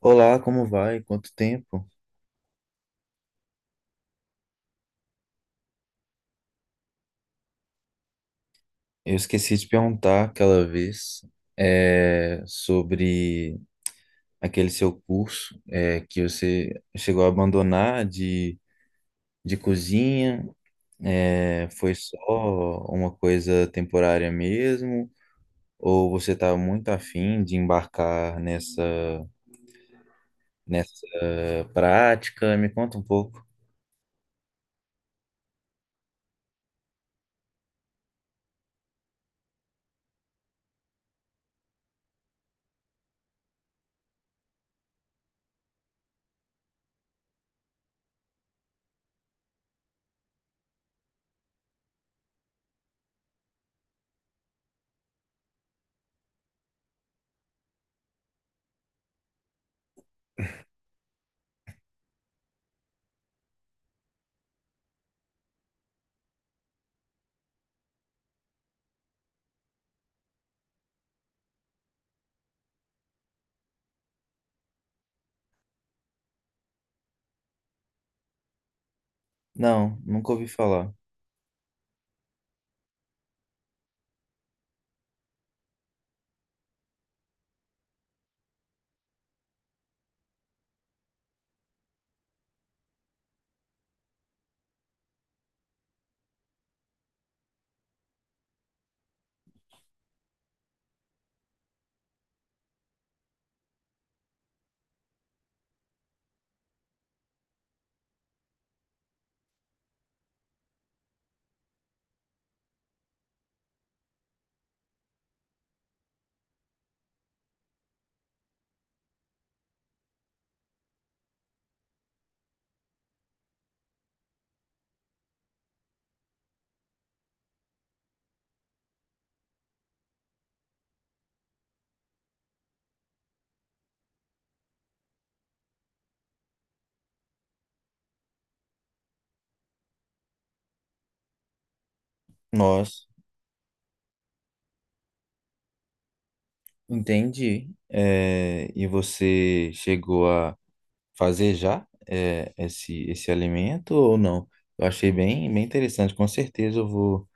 Olá, como vai? Quanto tempo? Eu esqueci de perguntar aquela vez sobre aquele seu curso que você chegou a abandonar de cozinha. É, foi só uma coisa temporária mesmo? Ou você está muito afim de embarcar nessa prática? Me conta um pouco. Não, nunca ouvi falar. Nossa, entendi. É, e você chegou a fazer já esse alimento ou não? Eu achei bem interessante. Com certeza eu vou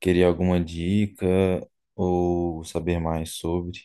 querer alguma dica ou saber mais sobre.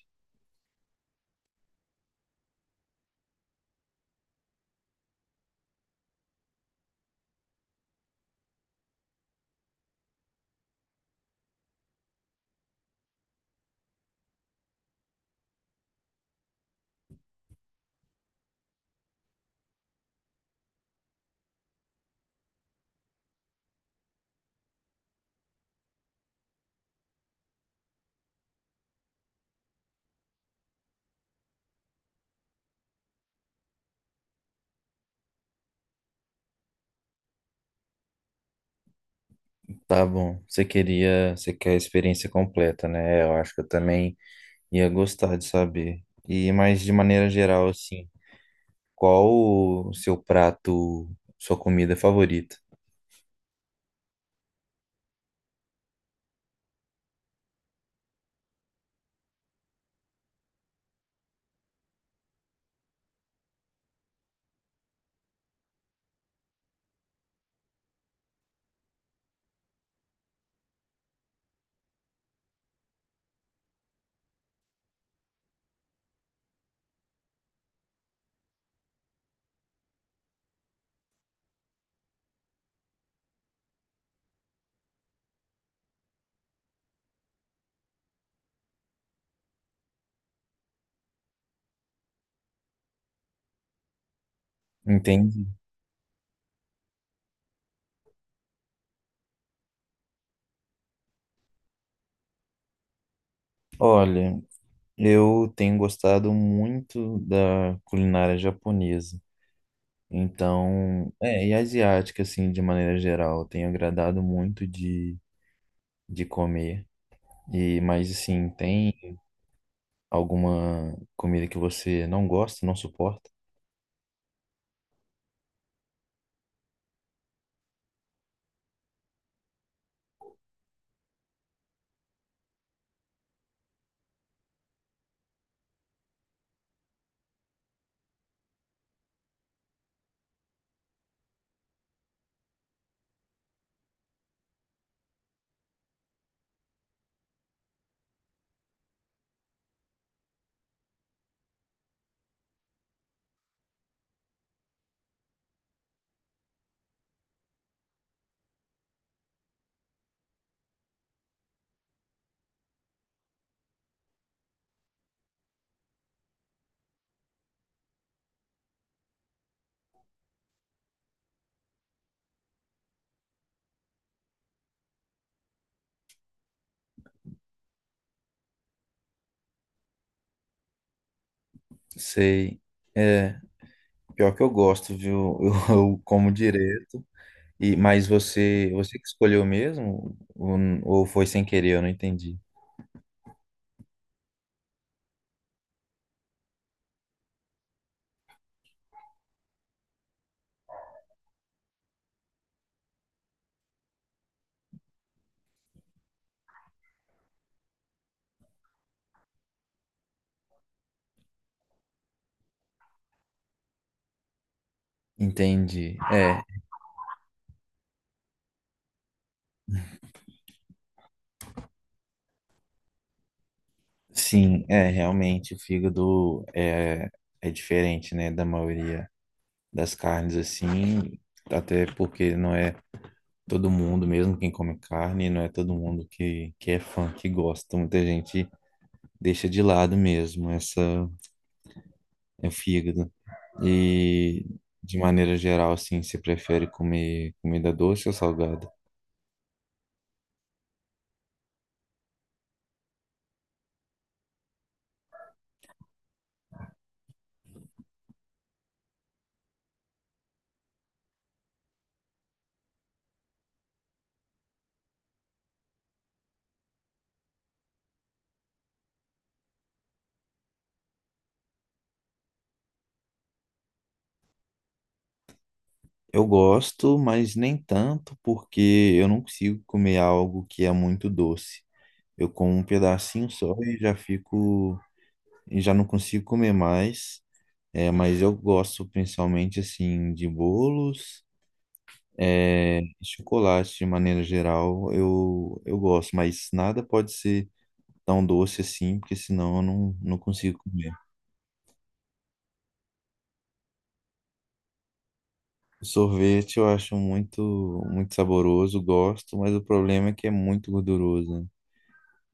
Tá bom. Você quer a experiência completa, né? Eu acho que eu também ia gostar de saber. E mais de maneira geral, assim, qual o seu prato, sua comida favorita? Entende? Olha, eu tenho gostado muito da culinária japonesa. Então, e asiática, assim, de maneira geral, eu tenho agradado muito de comer. E, mas, assim, tem alguma comida que você não gosta, não suporta? Sei. É, pior que eu gosto, viu? Eu como direto. E, mas você que escolheu mesmo? Ou foi sem querer? Eu não entendi. Entendi. É, sim, é, realmente, o fígado é diferente, né, da maioria das carnes assim, até porque não é todo mundo, mesmo quem come carne, não é todo mundo que é fã, que gosta. Muita gente deixa de lado mesmo essa é o fígado. E de maneira geral, assim, você prefere comer comida doce ou salgada? Eu gosto, mas nem tanto, porque eu não consigo comer algo que é muito doce. Eu como um pedacinho só e já fico e já não consigo comer mais. É, mas eu gosto principalmente assim de bolos, é, chocolate de maneira geral, eu gosto, mas nada pode ser tão doce assim, porque senão eu não, não consigo comer. Sorvete eu acho muito muito saboroso, gosto, mas o problema é que é muito gorduroso, né?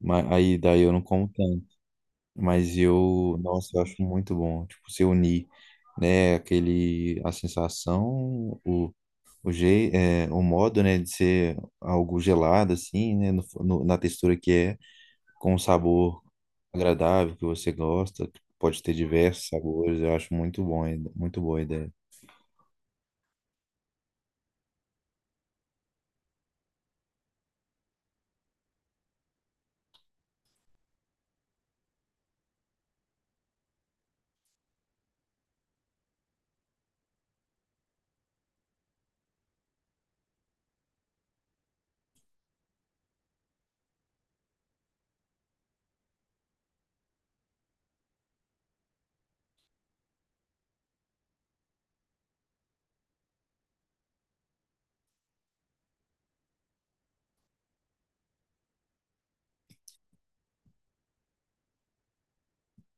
Mas aí daí eu não como tanto. Mas eu, nossa, eu acho muito bom, tipo, se unir, né, aquele, a sensação, o modo, né, de ser algo gelado, assim, né, na textura que é, com um sabor agradável que você gosta, que pode ter diversos sabores, eu acho muito bom, muito boa a ideia.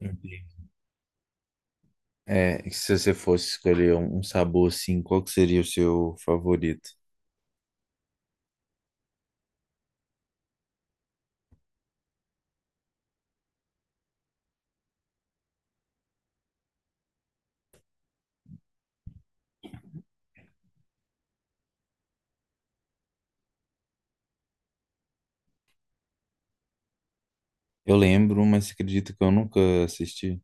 Entendi. É, e se você fosse escolher um sabor assim, qual que seria o seu favorito? Eu lembro, mas acredito que eu nunca assisti.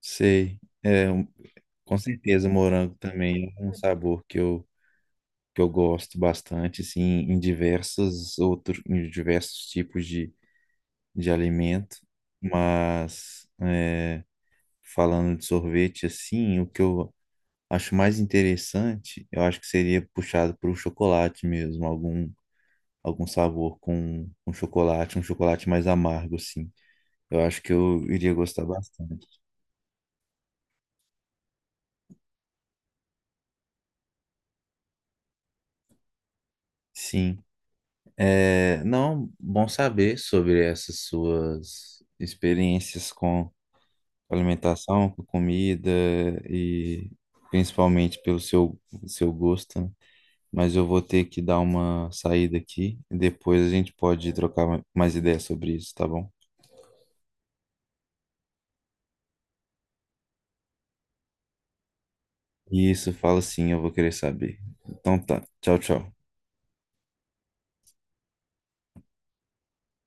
Sei. É, com certeza, morango também é um sabor que eu gosto bastante, assim, em diversos outros, em diversos tipos de alimento. Mas é, falando de sorvete, assim, o que eu acho mais interessante, eu acho que seria puxado para o chocolate mesmo, algum, algum sabor com chocolate, um chocolate mais amargo, assim. Eu acho que eu iria gostar bastante. Sim. É, não, bom saber sobre essas suas experiências com alimentação, com comida e principalmente pelo seu, seu gosto, né? Mas eu vou ter que dar uma saída aqui e depois a gente pode trocar mais ideias sobre isso, tá bom? Isso, fala sim, eu vou querer saber. Então tá, tchau, tchau.